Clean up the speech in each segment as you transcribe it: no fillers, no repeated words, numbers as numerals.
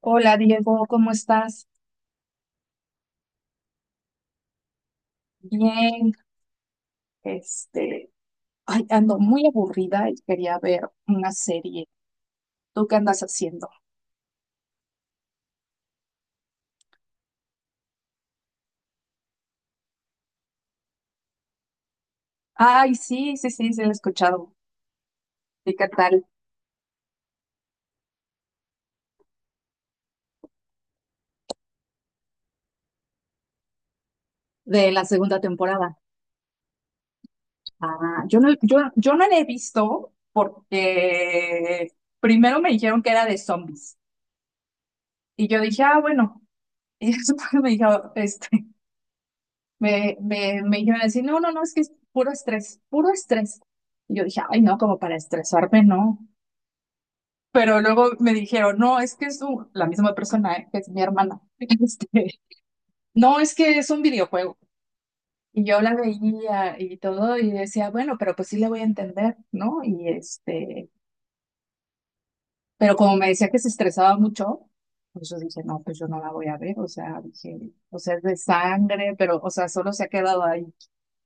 Hola Diego, ¿cómo estás? Bien, este, ay, ando muy aburrida y quería ver una serie. ¿Tú qué andas haciendo? Ay, sí, sí, sí, sí, la he escuchado. ¿Y qué tal? De la segunda temporada. Ah, yo no, yo no la he visto porque primero me dijeron que era de zombies. Y yo dije, ah, bueno. Y después me dijo, me dijeron así, no, no, no, es que es puro estrés, puro estrés. Y yo dije, ay, no, como para estresarme, no. Pero luego me dijeron, no, es que es la misma persona, ¿eh? Que es mi hermana. Este, no, es que es un videojuego. Y yo la veía y todo y decía, bueno, pero pues sí le voy a entender, ¿no? Y pero como me decía que se estresaba mucho, pues yo dije, no, pues yo no la voy a ver. O sea, dije, o sea, es de sangre, pero, o sea, solo se ha quedado ahí.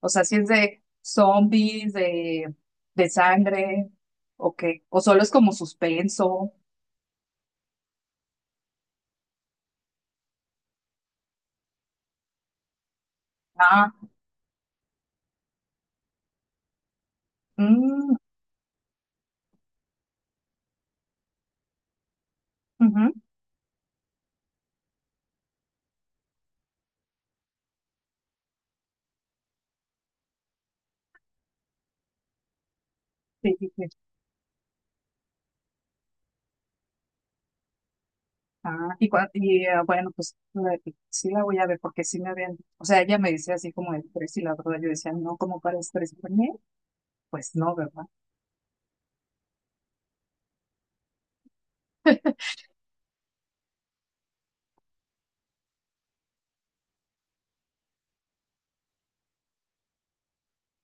O sea, si es de zombies, de sangre, o qué. O solo es como suspenso. Ah, mm, ujú. Sí, sí, sí. Ah, y bueno, pues sí la voy a ver porque sí me habían, o sea, ella me decía así como el precio y la verdad yo decía, no, ¿como para estrés por mí? Pues no, ¿verdad?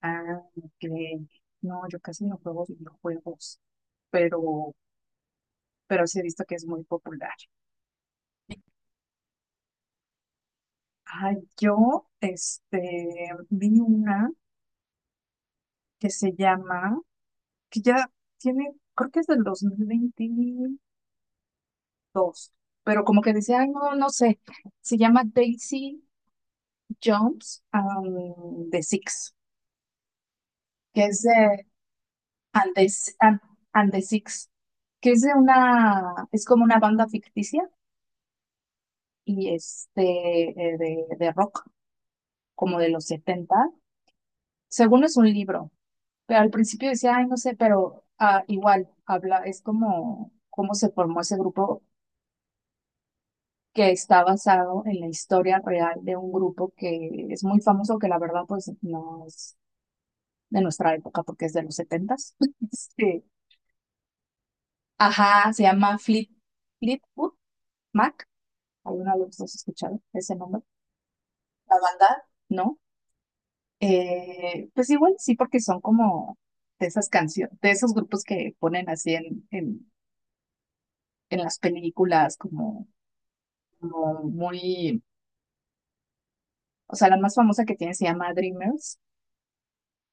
Ah, ok. No, yo casi no juego videojuegos, pero, pero, sí he visto que es muy popular. Ah, yo, vi una que se llama, que ya tiene, creo que es del 2022, pero como que decía, ay, no, no sé, se llama Daisy Jones and the Six, que es de And the, S- and, and the Six, que es de una, es como una banda ficticia y de rock, como de los 70. Según es un libro, pero al principio decía, ay, no sé, pero ah, igual habla, es como cómo se formó ese grupo, que está basado en la historia real de un grupo que es muy famoso, que la verdad pues no es de nuestra época porque es de los 70. Ajá, se llama Fleetwood Mac. ¿Alguna vez los has escuchado ese nombre? La banda, ¿no? Pues igual sí, porque son como de esas canciones, de esos grupos que ponen así en, en las películas, como muy. O sea, la más famosa que tiene se llama Dreamers.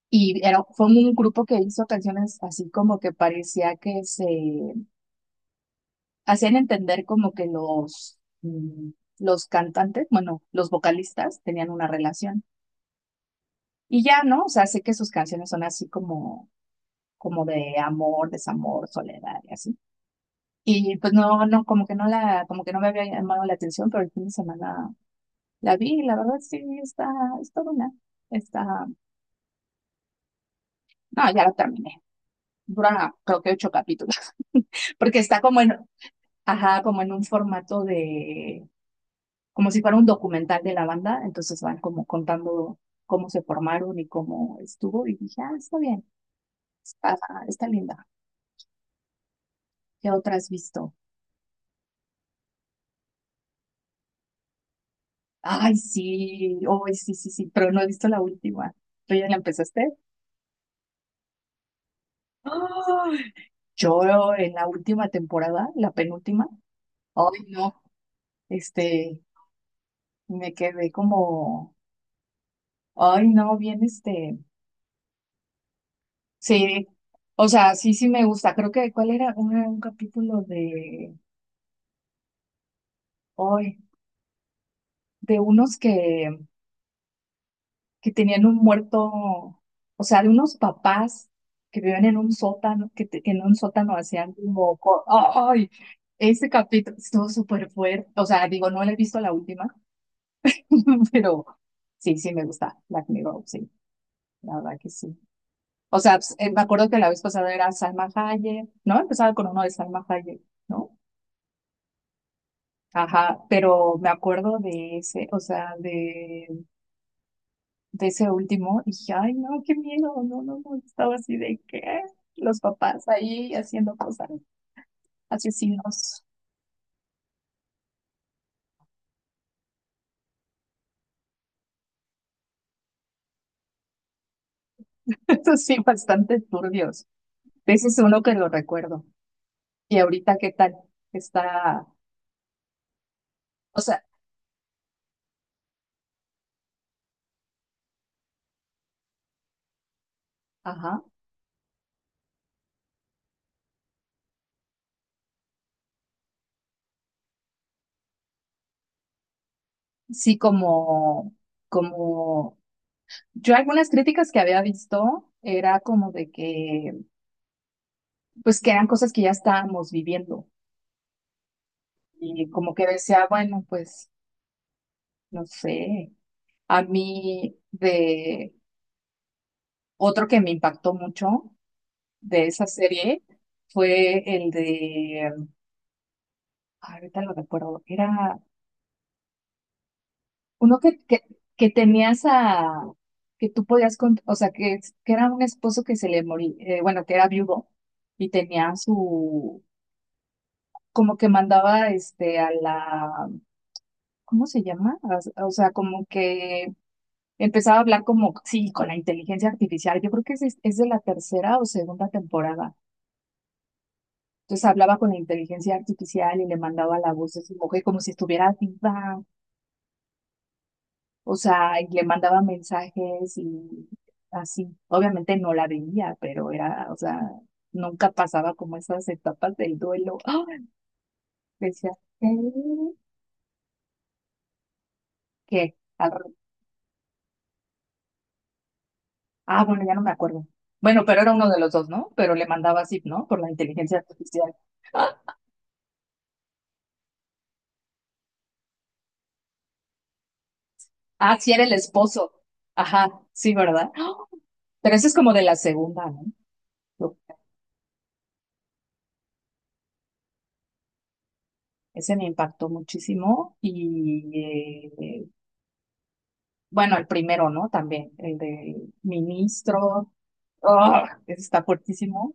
Y fue un grupo que hizo canciones así como que parecía que se hacían entender como que los, mm, los cantantes, bueno, los vocalistas tenían una relación. Y ya, ¿no? O sea, sé que sus canciones son así como, como de amor, desamor, soledad y así. Y pues no, no, como que no me había llamado la atención, pero el fin de semana la vi, y la verdad sí, está buena. Está, no, ya la terminé. Dura creo que ocho capítulos, porque está como en, ajá, como en un formato de, como si fuera un documental de la banda, entonces van como contando cómo se formaron y cómo estuvo, y dije, ah, está bien, está, está linda. ¿Qué otra has visto? Ay, sí, hoy sí, sí, sí, pero no he visto la última. ¿Tú ya la empezaste? ¡Ay! Yo en la última temporada, la penúltima, ay, no, este, me quedé como, ay, no, bien, sí, o sea, sí, sí me gusta. Creo que, ¿cuál era? Un capítulo de, ay, de unos que tenían un muerto, o sea, de unos papás que vivían en un sótano, que en un sótano hacían como, ¡oh! Ay, ese capítulo estuvo súper fuerte, o sea, digo, no le he visto la última, pero sí, sí me gusta Black Mirror, sí, la verdad que sí. O sea, pues, me acuerdo que la vez pasada era Salma Hayek, ¿no? Empezaba con uno de Salma Hayek, ¿no? Ajá, pero me acuerdo de ese, o sea, de ese último, dije, ay, no, qué miedo, no, no, no, estaba así de que los papás ahí haciendo cosas, asesinos, eso sí, bastante turbios. Ese es uno que lo recuerdo. Y ahorita, ¿qué tal? Está, o sea, ajá, sí, como, yo algunas críticas que había visto era como de que, pues que eran cosas que ya estábamos viviendo y como que decía, bueno, pues, no sé. A mí de Otro que me impactó mucho de esa serie fue el de, ay, ahorita lo recuerdo, era uno que tenías a, que tú podías, o sea, que era un esposo que se le moría, bueno, que era viudo y tenía su, como que mandaba a la, ¿cómo se llama? O sea, como que empezaba a hablar como, sí, con la inteligencia artificial, yo creo que es de la tercera o segunda temporada. Entonces hablaba con la inteligencia artificial y le mandaba la voz de su mujer como si estuviera viva, o sea, y le mandaba mensajes y así. Obviamente no la veía, pero o sea, nunca pasaba como esas etapas del duelo. ¡Ah! Decía, ¿qué? ¿Qué? Ah, bueno, ya no me acuerdo. Bueno, pero era uno de los dos, ¿no? Pero le mandaba así, ¿no? Por la inteligencia artificial. Ah, sí, era el esposo. Ajá, sí, ¿verdad? ¡Ah! Pero eso es como de la segunda, ¿no? Ese me impactó muchísimo y bueno, el primero, ¿no? También, el de ministro, ¡ah! Ese está fuertísimo.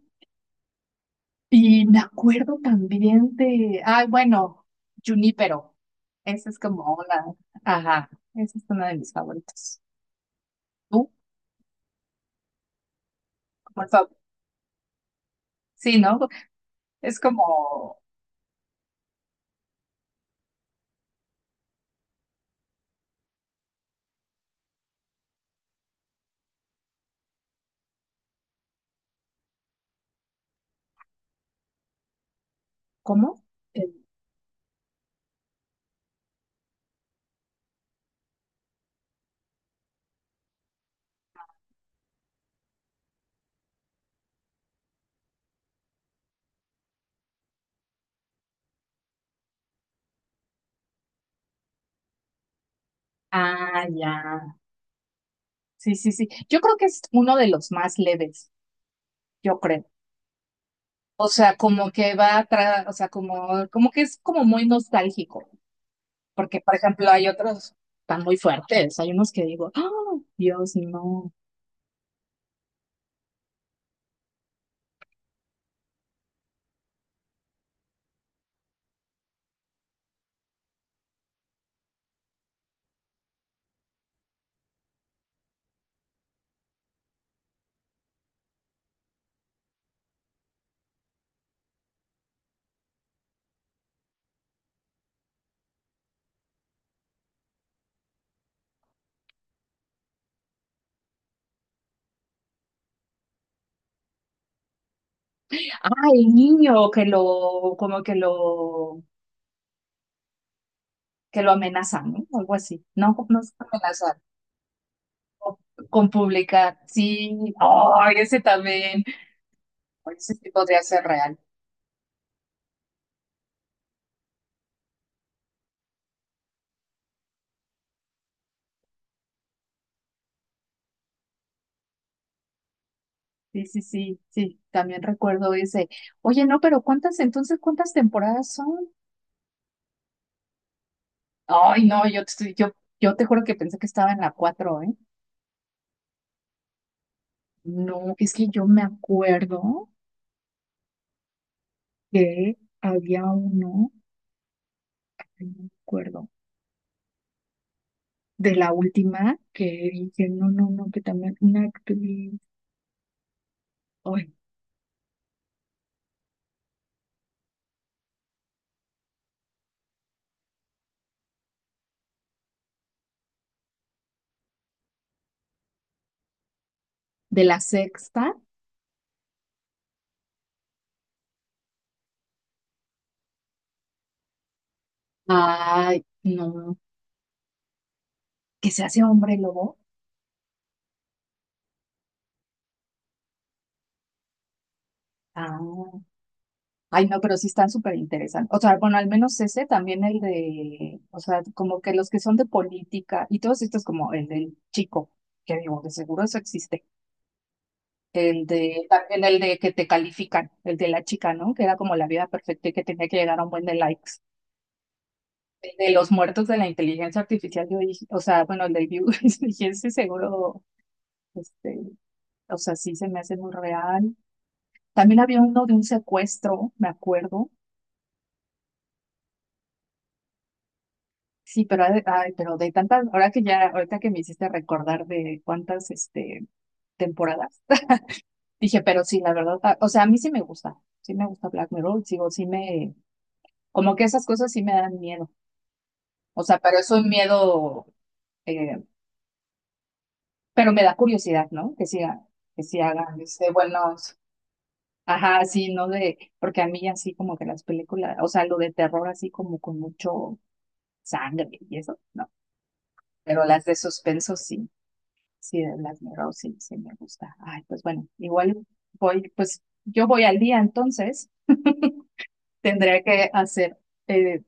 Y me acuerdo también de, ay, bueno, Junípero, ese es como una, ajá, esa es una de mis favoritos. ¿Tú? Como el. Sí, ¿no? Es como, ¿cómo? El- ah, ya, sí, sí, sí. Yo creo que es uno de los más leves, yo creo. O sea, como que va atrás, o sea, como que es como muy nostálgico, porque por ejemplo hay otros tan muy fuertes, hay unos que digo, ¡ah, Dios, no! Ah, el niño que lo, que lo amenazan, ¿no? Algo así. No, no es amenazar, con publicar. Sí, ay, ese también. Ay, ese sí podría ser real. Sí, sí, sí, sí, también recuerdo ese. Oye, no, pero ¿cuántas entonces, cuántas temporadas son? Ay, no, yo te juro que pensé que estaba en la 4, ¿eh? No, es que yo me acuerdo que había uno, ay, no me acuerdo, de la última que dije, no, no, no, que también una actriz, ay, de la sexta, ay, no, que se hace hombre lobo. Ah, ay, no, pero sí están súper interesantes. O sea, bueno, al menos ese, también el de, o sea, como que los que son de política y todos estos como el del chico, que digo, de seguro eso existe. El de, también el de que te califican, el de la chica, ¿no? Que era como la vida perfecta y que tenía que llegar a un buen de likes. El de los muertos de la inteligencia artificial, yo dije, o sea, bueno, el de View, dije, ese seguro, este, o sea, sí se me hace muy real. También había uno de un secuestro, me acuerdo. Sí, pero, ay, pero de tantas, ahora que ya, ahorita que me hiciste recordar de cuántas, temporadas, dije, pero sí, la verdad, ah, o sea, a mí sí me gusta Black Mirror, sigo, sí me, como que esas cosas sí me dan miedo. O sea, pero es un miedo, eh, pero me da curiosidad, ¿no? Que si hagan buenos, ajá, sí, ¿no? De, porque a mí así como que las películas, o sea, lo de terror así como con mucho sangre y eso, no. Pero las de suspenso sí, sí, de las miro, sí, sí me gusta. Ay, pues bueno, igual voy, pues yo voy al día entonces, tendría que hacer, eh,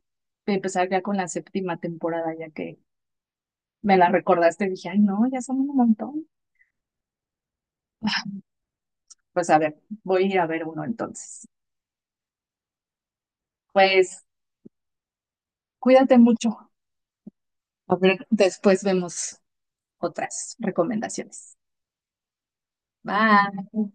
empezar ya con la séptima temporada, ya que me la recordaste, dije, ay, no, ya son un montón. Pues a ver, voy a ir a ver uno entonces. Pues cuídate mucho. A ver, después vemos otras recomendaciones. Bye.